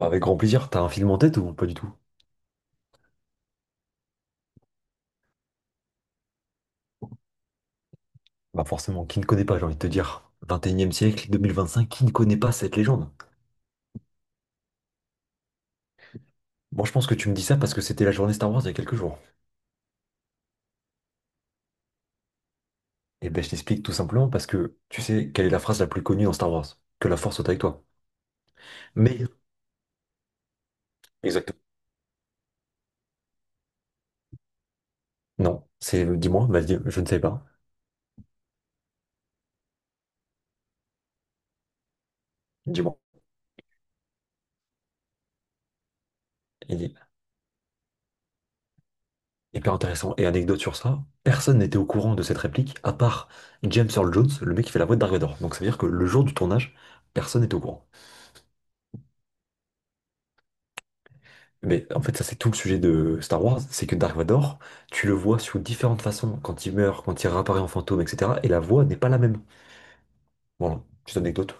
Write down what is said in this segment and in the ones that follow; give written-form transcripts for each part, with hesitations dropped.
Avec grand plaisir, t'as un film en tête ou pas du tout? Bah forcément, qui ne connaît pas, j'ai envie de te dire. 21e siècle, 2025, qui ne connaît pas cette légende? Moi je pense que tu me dis ça parce que c'était la journée Star Wars il y a quelques jours. Et ben je t'explique tout simplement parce que tu sais quelle est la phrase la plus connue dans Star Wars? Que la force soit avec toi. Mais, exactement. Non, c'est dis-moi, vas-y, je ne sais pas. Dis-moi. Il est hyper intéressant. Et anecdote sur ça, personne n'était au courant de cette réplique à part James Earl Jones, le mec qui fait la voix de Dark Vador. Donc ça veut dire que le jour du tournage, personne n'était au courant. Mais en fait, ça, c'est tout le sujet de Star Wars, c'est que Dark Vador, tu le vois sous différentes façons, quand il meurt, quand il réapparaît en fantôme, etc. Et la voix n'est pas la même. Voilà, petite anecdote.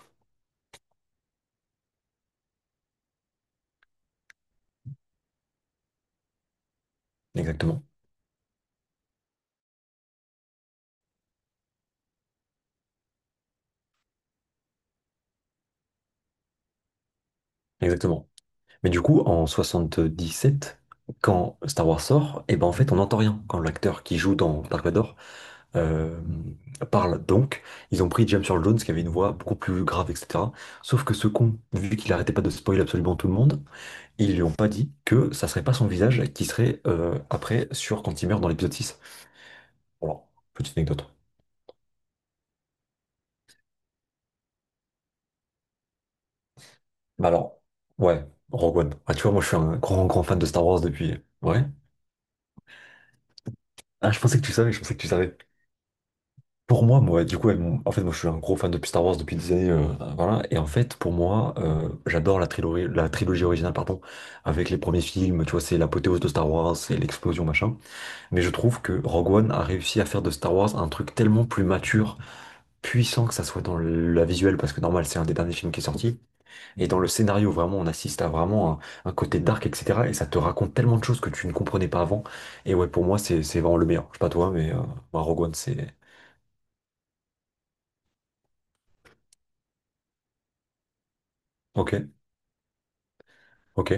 Exactement. Exactement. Mais du coup, en 77 quand Star Wars sort, et ben en fait, on n'entend rien. Quand l'acteur qui joue dans Dark Vador euh, parle, donc, ils ont pris James Earl Jones, qui avait une voix beaucoup plus grave, etc. Sauf que ce con, vu qu'il arrêtait pas de spoiler absolument tout le monde, ils lui ont pas dit que ça serait pas son visage qui serait après sur quand il meurt dans l'épisode 6. Voilà, petite anecdote. Bah alors, ouais, Rogue One. Ah, tu vois, moi je suis un grand grand fan de Star Wars depuis. Ouais. Ah, je pensais que tu savais, je pensais que tu savais. Pour moi, du coup, ouais, en fait, moi je suis un gros fan de Star Wars depuis des années. Voilà. Et en fait, pour moi, j'adore la trilogie originale, pardon, avec les premiers films, tu vois, c'est l'apothéose de Star Wars, c'est l'explosion, machin. Mais je trouve que Rogue One a réussi à faire de Star Wars un truc tellement plus mature puissant, que ça soit dans la visuelle, parce que normal, c'est un des derniers films qui est sorti, et dans le scénario, vraiment, on assiste à vraiment un côté dark, etc. Et ça te raconte tellement de choses que tu ne comprenais pas avant. Et ouais, pour moi, c'est vraiment le meilleur. Je sais pas toi, mais moi, Rogue One, c'est... Ok, ok,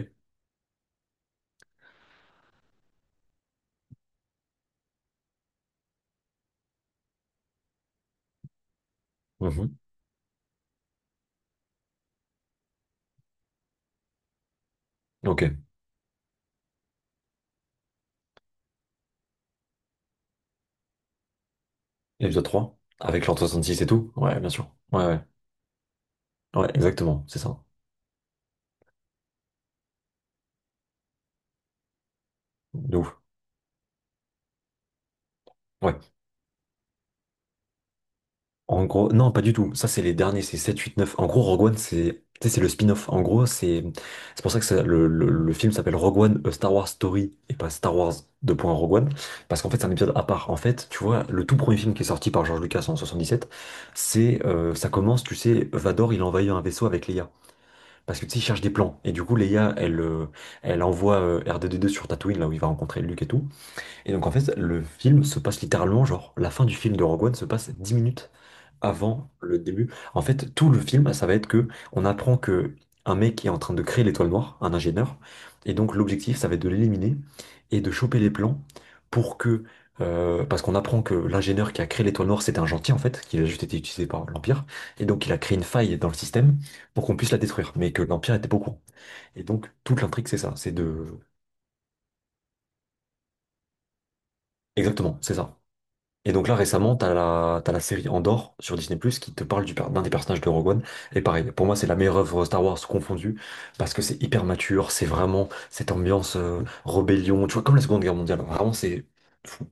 mhm, ok. Épisode 3 avec l'an 66 et tout? Ouais, bien sûr. Ouais, ouais, ouais, exactement, c'est ça. De ouf. Ouais. En gros, non, pas du tout. Ça, c'est les derniers, c'est 7, 8, 9. En gros, Rogue One, c'est tu sais, c'est le spin-off. En gros, c'est pour ça que le film s'appelle Rogue One, A Star Wars Story et pas Star Wars 2. Rogue One. Parce qu'en fait, c'est un épisode à part. En fait, tu vois, le tout premier film qui est sorti par George Lucas en 77, c'est ça commence, tu sais, Vador, il envahit un vaisseau avec Leia. Parce que tu sais, il cherche des plans. Et du coup, Leia, elle envoie R2D2 sur Tatooine, là où il va rencontrer Luke et tout. Et donc, en fait, le film se passe littéralement, genre, la fin du film de Rogue One se passe 10 minutes avant le début. En fait, tout le film, ça va être que on apprend que un mec est en train de créer l'étoile noire, un ingénieur, et donc l'objectif, ça va être de l'éliminer et de choper les plans pour que, parce qu'on apprend que l'ingénieur qui a créé l'étoile noire, c'était un gentil en fait, qu'il a juste été utilisé par l'Empire, et donc il a créé une faille dans le système pour qu'on puisse la détruire, mais que l'Empire était pas au courant. Et donc toute l'intrigue, c'est ça, c'est de, exactement, c'est ça. Et donc là, récemment, t'as la série Andor sur Disney+, qui te parle d'un des personnages de Rogue One. Et pareil, pour moi, c'est la meilleure œuvre Star Wars confondue, parce que c'est hyper mature, c'est vraiment cette ambiance rébellion, tu vois, comme la Seconde Guerre mondiale. Vraiment, c'est fou.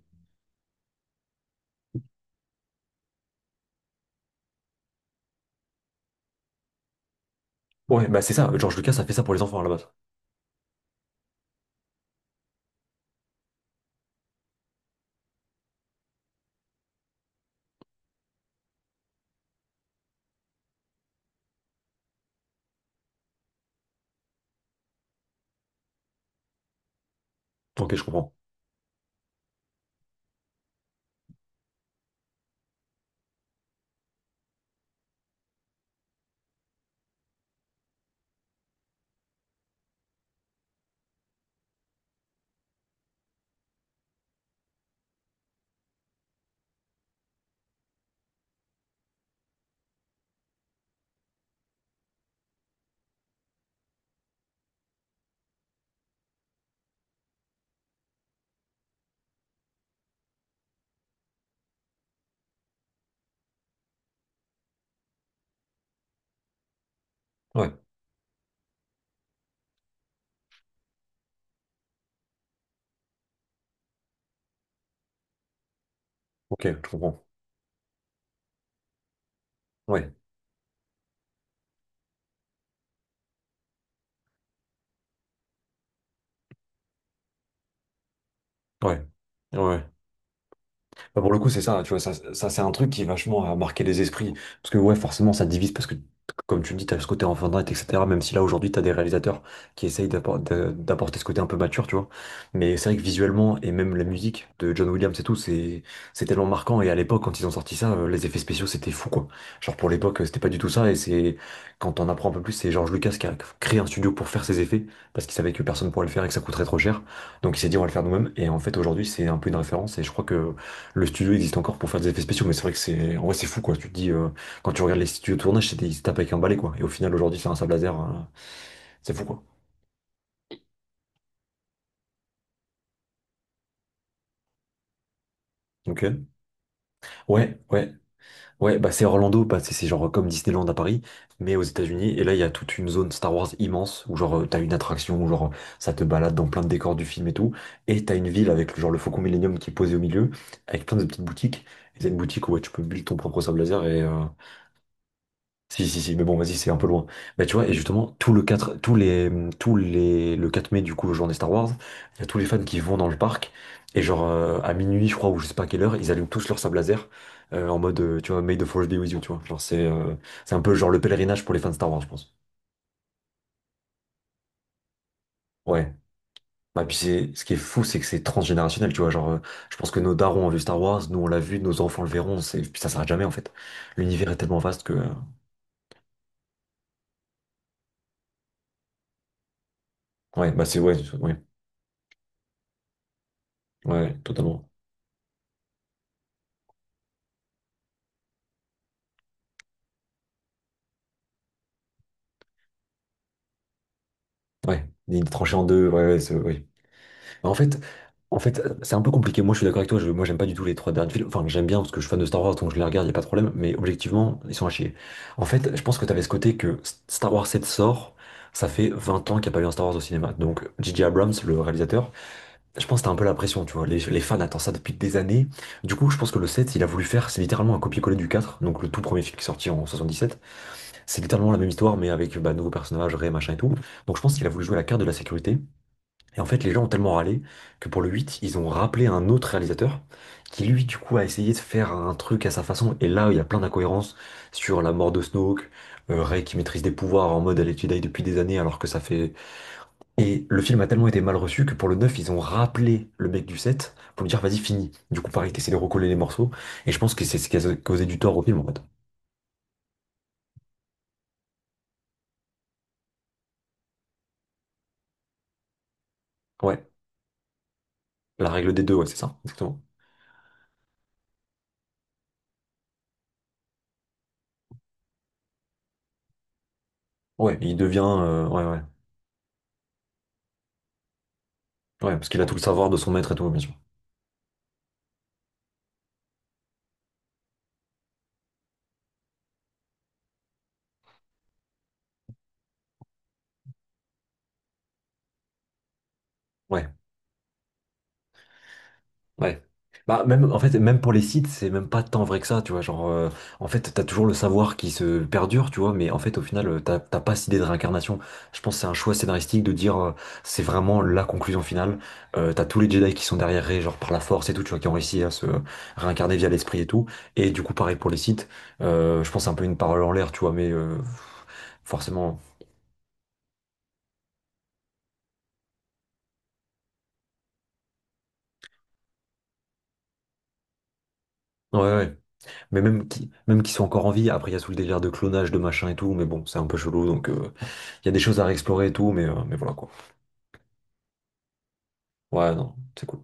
Ouais, bah c'est ça, George Lucas a fait ça pour les enfants à la base. Ok, je comprends. Ouais, ok, je comprends. Ouais, ouais, ouais. Bah, pour le coup, c'est ça, tu vois, ça c'est un truc qui vachement a marqué les esprits. Parce que ouais, forcément, ça divise parce que, comme tu le dis, t'as ce côté enfant d'être, etc. Même si là, aujourd'hui, t'as des réalisateurs qui essayent d'apporter ce côté un peu mature, tu vois. Mais c'est vrai que visuellement, et même la musique de John Williams et tout, c'est tellement marquant. Et à l'époque, quand ils ont sorti ça, les effets spéciaux, c'était fou, quoi. Genre, pour l'époque, c'était pas du tout ça. Et c'est, quand on apprend un peu plus, c'est George Lucas qui a créé un studio pour faire ses effets, parce qu'il savait que personne pourrait le faire et que ça coûterait trop cher. Donc il s'est dit on va le faire nous-mêmes et en fait aujourd'hui c'est un peu une référence et je crois que le studio existe encore pour faire des effets spéciaux, mais c'est vrai que c'est, en vrai, c'est fou, quoi. Tu te dis, quand tu regardes les studios de tournage, c'était, ils se tapent avec un balai, quoi. Et au final, aujourd'hui, c'est un sable laser, c'est fou, quoi. Ok. Ouais, ouais, ouais, bah, c'est Orlando, bah, c'est genre comme Disneyland à Paris, mais aux États-Unis. Et là, il y a toute une zone Star Wars immense, où genre, t'as une attraction, où genre, ça te balade dans plein de décors du film et tout. Et t'as une ville avec, genre, le Faucon Millenium qui est posé au milieu, avec plein de petites boutiques. Et t'as une boutique où, ouais, tu peux build ton propre sable laser et... Si, si, si, mais bon, vas-y, c'est un peu loin. Mais tu vois, et justement, tout le 4 tous les, le 4 mai, du coup, journée Star Wars, il y a tous les fans qui vont dans le parc, et genre, à minuit, je crois, ou je sais pas à quelle heure, ils allument tous leur sable laser, en mode, tu vois, May the Force be with you, tu vois. Genre, c'est un peu genre le pèlerinage pour les fans de Star Wars, je pense. Ouais. Bah, puis c'est, ce qui est fou, c'est que c'est transgénérationnel, tu vois. Genre, je pense que nos darons ont vu Star Wars, nous on l'a vu, nos enfants le verront, c'est, puis ça s'arrête jamais, en fait. L'univers est tellement vaste que, ouais, bah, c'est, ouais, ouais, ouais, totalement. Ouais, il est tranché en deux, ouais, ouais, oui. Bah, En fait, c'est un peu compliqué. Moi, je suis d'accord avec toi, moi, j'aime pas du tout les trois derniers films. Enfin, j'aime bien parce que je suis fan de Star Wars, donc je les regarde, y a pas de problème, mais objectivement, ils sont à chier. En fait, je pense que t'avais ce côté que Star Wars 7 sort, ça fait 20 ans qu'il n'y a pas eu un Star Wars au cinéma. Donc, J. J. Abrams, le réalisateur, je pense que t'as un peu la pression, tu vois. Les fans attendent ça depuis des années. Du coup, je pense que le 7, il a voulu faire, c'est littéralement un copier-coller du 4. Donc le tout premier film qui est sorti en 77, c'est littéralement la même histoire, mais avec bah, nouveaux personnages, Rey, machin et tout. Donc, je pense qu'il a voulu jouer à la carte de la sécurité. Et en fait, les gens ont tellement râlé que pour le 8, ils ont rappelé un autre réalisateur qui, lui, du coup, a essayé de faire un truc à sa façon. Et là, il y a plein d'incohérences sur la mort de Snoke, Rey qui maîtrise des pouvoirs en mode elle est Jedi depuis des années alors que ça fait... Et le film a tellement été mal reçu que pour le 9, ils ont rappelé le mec du 7 pour lui dire vas-y, fini. Du coup, pareil, t'essaies de recoller les morceaux. Et je pense que c'est ce qui a causé du tort au film, en fait. Ouais, la règle des deux, ouais, c'est ça, exactement. Ouais, il devient... ouais, ouais. Ouais, parce qu'il a tout le savoir de son maître et tout, bien sûr. Ouais. Ouais. Bah, même, en fait, même pour les sites, c'est même pas tant vrai que ça, tu vois. Genre, en fait, t'as toujours le savoir qui se perdure, tu vois, mais en fait, au final, t'as pas cette idée de réincarnation. Je pense que c'est un choix scénaristique de dire, c'est vraiment la conclusion finale. T'as tous les Jedi qui sont derrière Rey, genre par la force et tout, tu vois, qui ont réussi à se réincarner via l'esprit et tout. Et du coup, pareil pour les sites, je pense que c'est un peu une parole en l'air, tu vois, mais forcément. Ouais, ouais. Mais même qui, même qu'ils sont encore en vie, après, il y a tout le délire de clonage, de machin et tout, mais bon, c'est un peu chelou, donc. Il y a des choses à réexplorer et tout, mais voilà quoi. Ouais, non, c'est cool.